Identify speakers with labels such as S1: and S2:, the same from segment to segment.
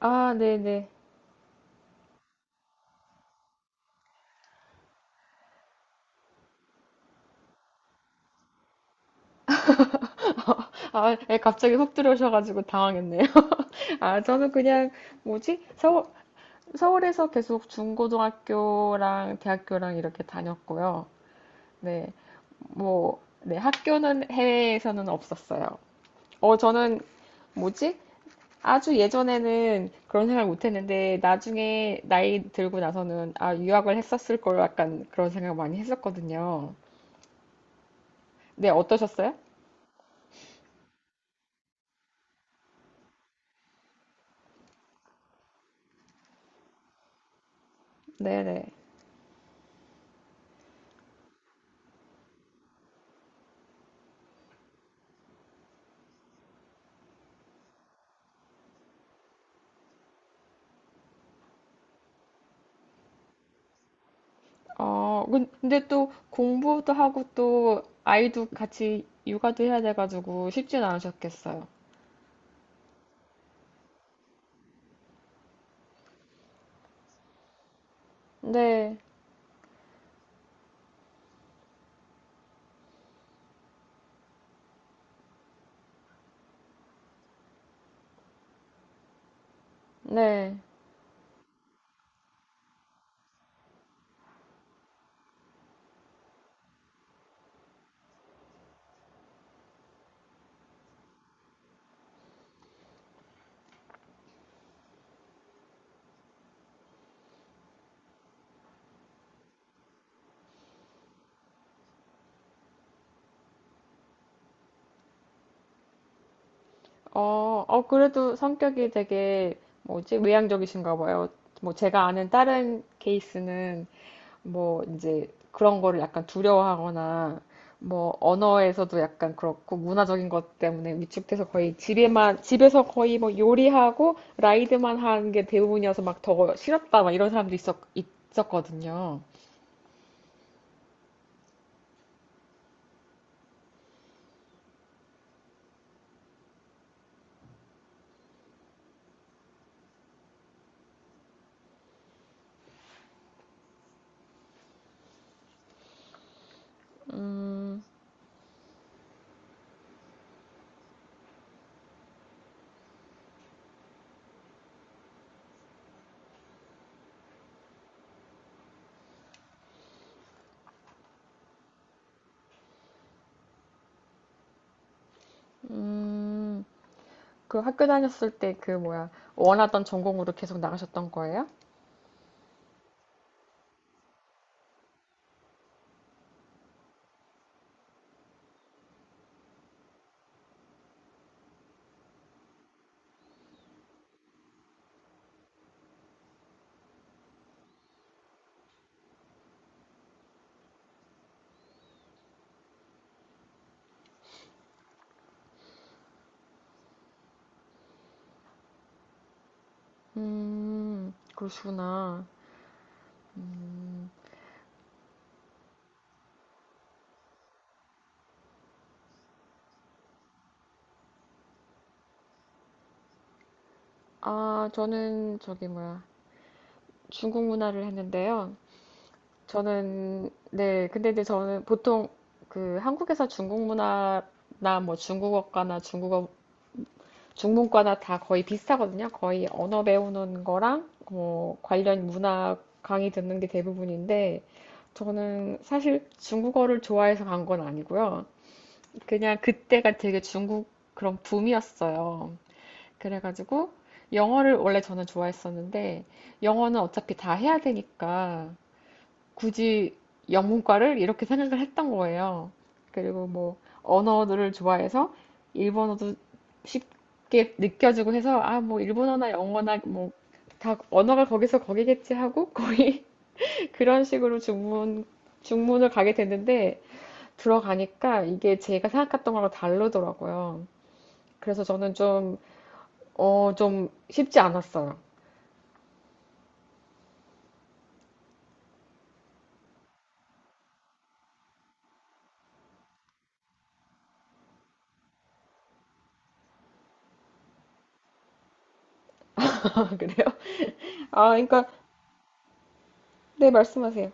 S1: 아, 네네. 아, 예, 갑자기 훅 들어오셔가지고 당황했네요. 아, 저는 그냥, 뭐지? 서울, 서울에서 계속 중고등학교랑 대학교랑 이렇게 다녔고요. 네, 뭐, 네, 학교는 해외에서는 없었어요. 어, 저는, 뭐지? 아주 예전에는 그런 생각 못 했는데, 나중에 나이 들고 나서는, 아, 유학을 했었을 걸 약간 그런 생각 많이 했었거든요. 네, 어떠셨어요? 네네. 어, 근데 또 공부도 하고 또 아이도 같이 육아도 해야 돼가지고 쉽진 않으셨겠어요. 네, 네. 어, 어, 그래도 성격이 되게 뭐지? 외향적이신가 봐요. 뭐 제가 아는 다른 케이스는 뭐 이제 그런 거를 약간 두려워하거나 뭐 언어에서도 약간 그렇고 문화적인 것 때문에 위축돼서 거의 집에만 집에서 거의 뭐 요리하고 라이드만 하는 게 대부분이어서 막 더 싫었다 막 이런 사람도 있었거든요. 음, 그 학교 다녔을 때 그 뭐야 원하던 전공으로 계속 나가셨던 거예요? 그러시구나. 음, 아 저는 저기 뭐야 중국 문화를 했는데요. 저는 네 근데 이제 저는 보통 그 한국에서 중국 문화나 뭐 중국어과나 중국어 중문과나 다 거의 비슷하거든요. 거의 언어 배우는 거랑 뭐 관련 문화 강의 듣는 게 대부분인데 저는 사실 중국어를 좋아해서 간 건 아니고요. 그냥 그때가 되게 중국 그런 붐이었어요. 그래가지고 영어를 원래 저는 좋아했었는데 영어는 어차피 다 해야 되니까 굳이 영문과를 이렇게 생각을 했던 거예요. 그리고 뭐 언어를 좋아해서 일본어도 쉽게 느껴지고 해서 아 뭐 일본어나 영어나 뭐 다 언어가 거기서 거기겠지 하고 거의 그런 식으로 중문을 가게 됐는데 들어가니까 이게 제가 생각했던 거랑 다르더라고요. 그래서 저는 좀 어, 좀 쉽지 않았어요. 그래요? 아, 그러니까 네 말씀하세요.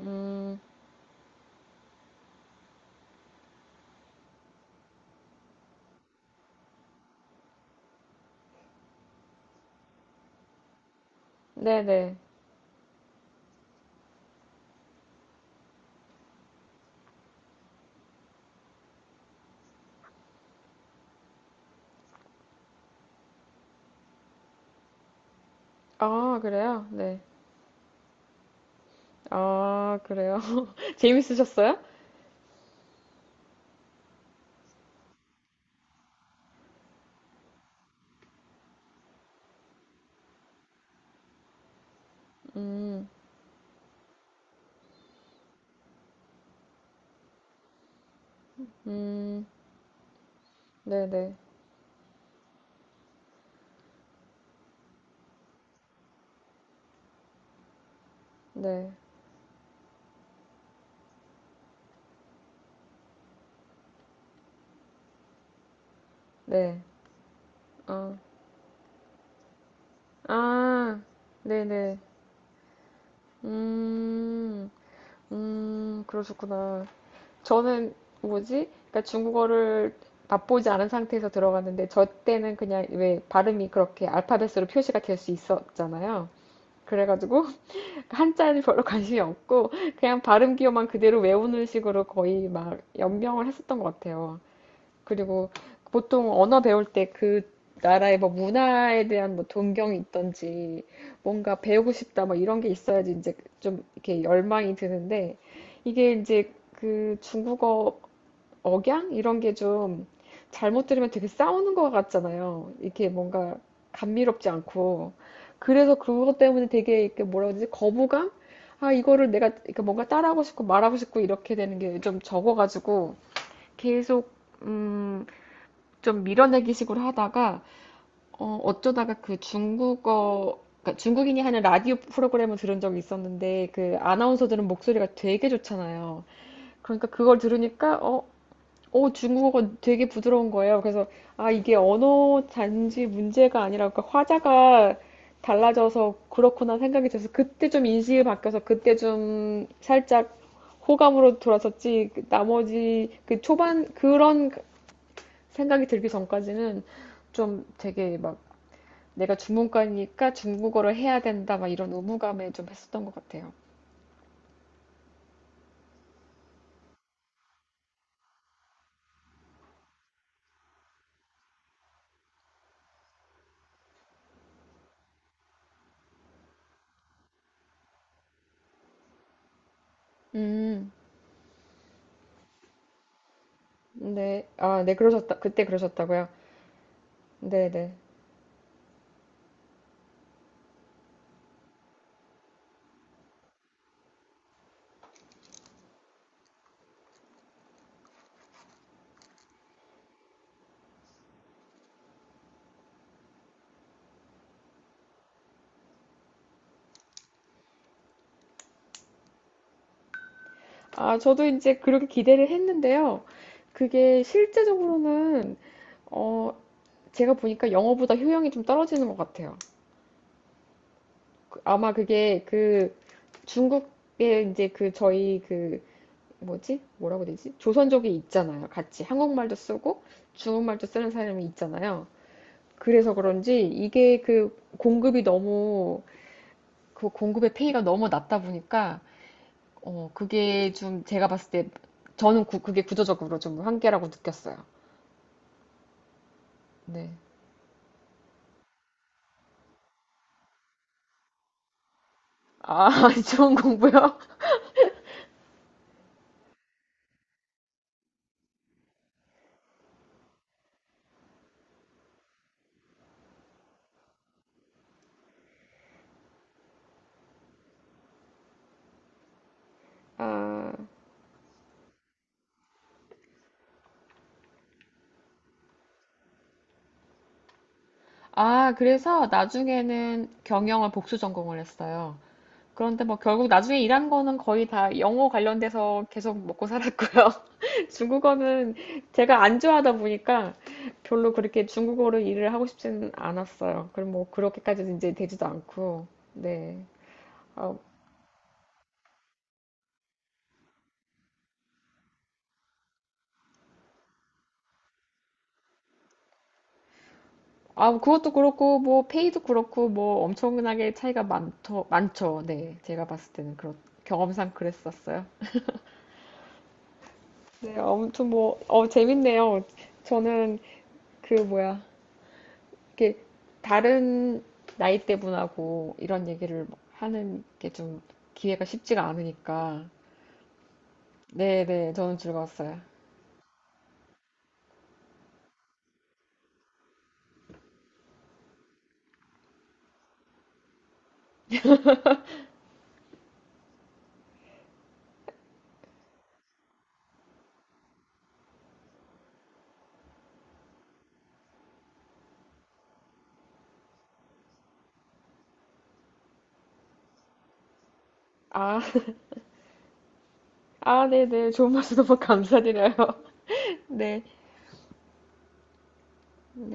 S1: 음, 네네. 아, 그래요? 네. 아, 그래요? 재밌으셨어요? 음, 음, 네네, 네, 네. 네. 어, 아, 네네. 음, 그러셨구나. 저는 뭐지? 그러니까 중국어를 맛보지 않은 상태에서 들어갔는데, 저 때는 그냥 왜 발음이 그렇게 알파벳으로 표시가 될 수 있었잖아요. 그래가지고, 한자를 별로 관심이 없고 그냥 발음 기호만 그대로 외우는 식으로 거의 막 연명을 했었던 것 같아요. 그리고 보통 언어 배울 때 그 나라의 뭐 문화에 대한 뭐 동경이 있던지 뭔가 배우고 싶다 뭐 이런 게 있어야지 이제 좀 이렇게 열망이 드는데 이게 이제 그 중국어 억양 이런 게 좀 잘못 들으면 되게 싸우는 것 같잖아요. 이게 뭔가 감미롭지 않고 그래서 그것 때문에 되게 이렇게 뭐라 그러지 거부감? 아 이거를 내가 이렇게 뭔가 따라하고 싶고 말하고 싶고 이렇게 되는 게 좀 적어가지고 계속 음, 좀 밀어내기식으로 하다가 어, 어쩌다가 그 중국어 그러니까 중국인이 하는 라디오 프로그램을 들은 적이 있었는데 그 아나운서들은 목소리가 되게 좋잖아요. 그러니까 그걸 들으니까 어 어, 중국어가 되게 부드러운 거예요. 그래서, 아, 이게 언어 단지 문제가 아니라, 그 화자가 달라져서 그렇구나 생각이 들어서, 그때 좀 인식이 바뀌어서, 그때 좀 살짝 호감으로 돌아섰지, 그 나머지, 그 초반, 그런 생각이 들기 전까지는 좀 되게 막, 내가 중문과니까 중국어를 해야 된다, 막 이런 의무감에 좀 했었던 것 같아요. 음, 네. 아, 네, 그러셨다. 그때 그러셨다고요? 네네. 아, 저도 이제 그렇게 기대를 했는데요. 그게 실제적으로는, 어, 제가 보니까 영어보다 효용이 좀 떨어지는 것 같아요. 그- 아마 그게 그 중국의 이제 그 저희 그 뭐지? 뭐라고 해야 되지? 조선족이 있잖아요. 같이 한국말도 쓰고 중국말도 쓰는 사람이 있잖아요. 그래서 그런지 이게 그 공급이 너무 그 공급의 페이가 너무 낮다 보니까 어, 그게 좀 제가 봤을 때 저는 그게 구조적으로 좀 한계라고 느꼈어요. 네. 아, 좋은 공부요? 아, 아, 그래서 나중에는 경영을 복수 전공을 했어요. 그런데 뭐 결국 나중에 일한 거는 거의 다 영어 관련돼서 계속 먹고 살았고요. 중국어는 제가 안 좋아하다 보니까 별로 그렇게 중국어로 일을 하고 싶지는 않았어요. 그럼 뭐 그렇게까지 이제 되지도 않고, 네. 아, 아, 그것도 그렇고, 뭐, 페이도 그렇고, 뭐, 엄청나게 차이가 많더, 많죠. 네. 제가 봤을 때는 그렇, 경험상 그랬었어요. 네, 아무튼 뭐, 어, 재밌네요. 저는 그 뭐야, 이렇게 다른 나이대 분하고 이런 얘기를 하는 게 좀 기회가 쉽지가 않으니까. 네네, 저는 즐거웠어요. 아, 아, 네네, 좋은 말씀 너무 감사드려요. 네.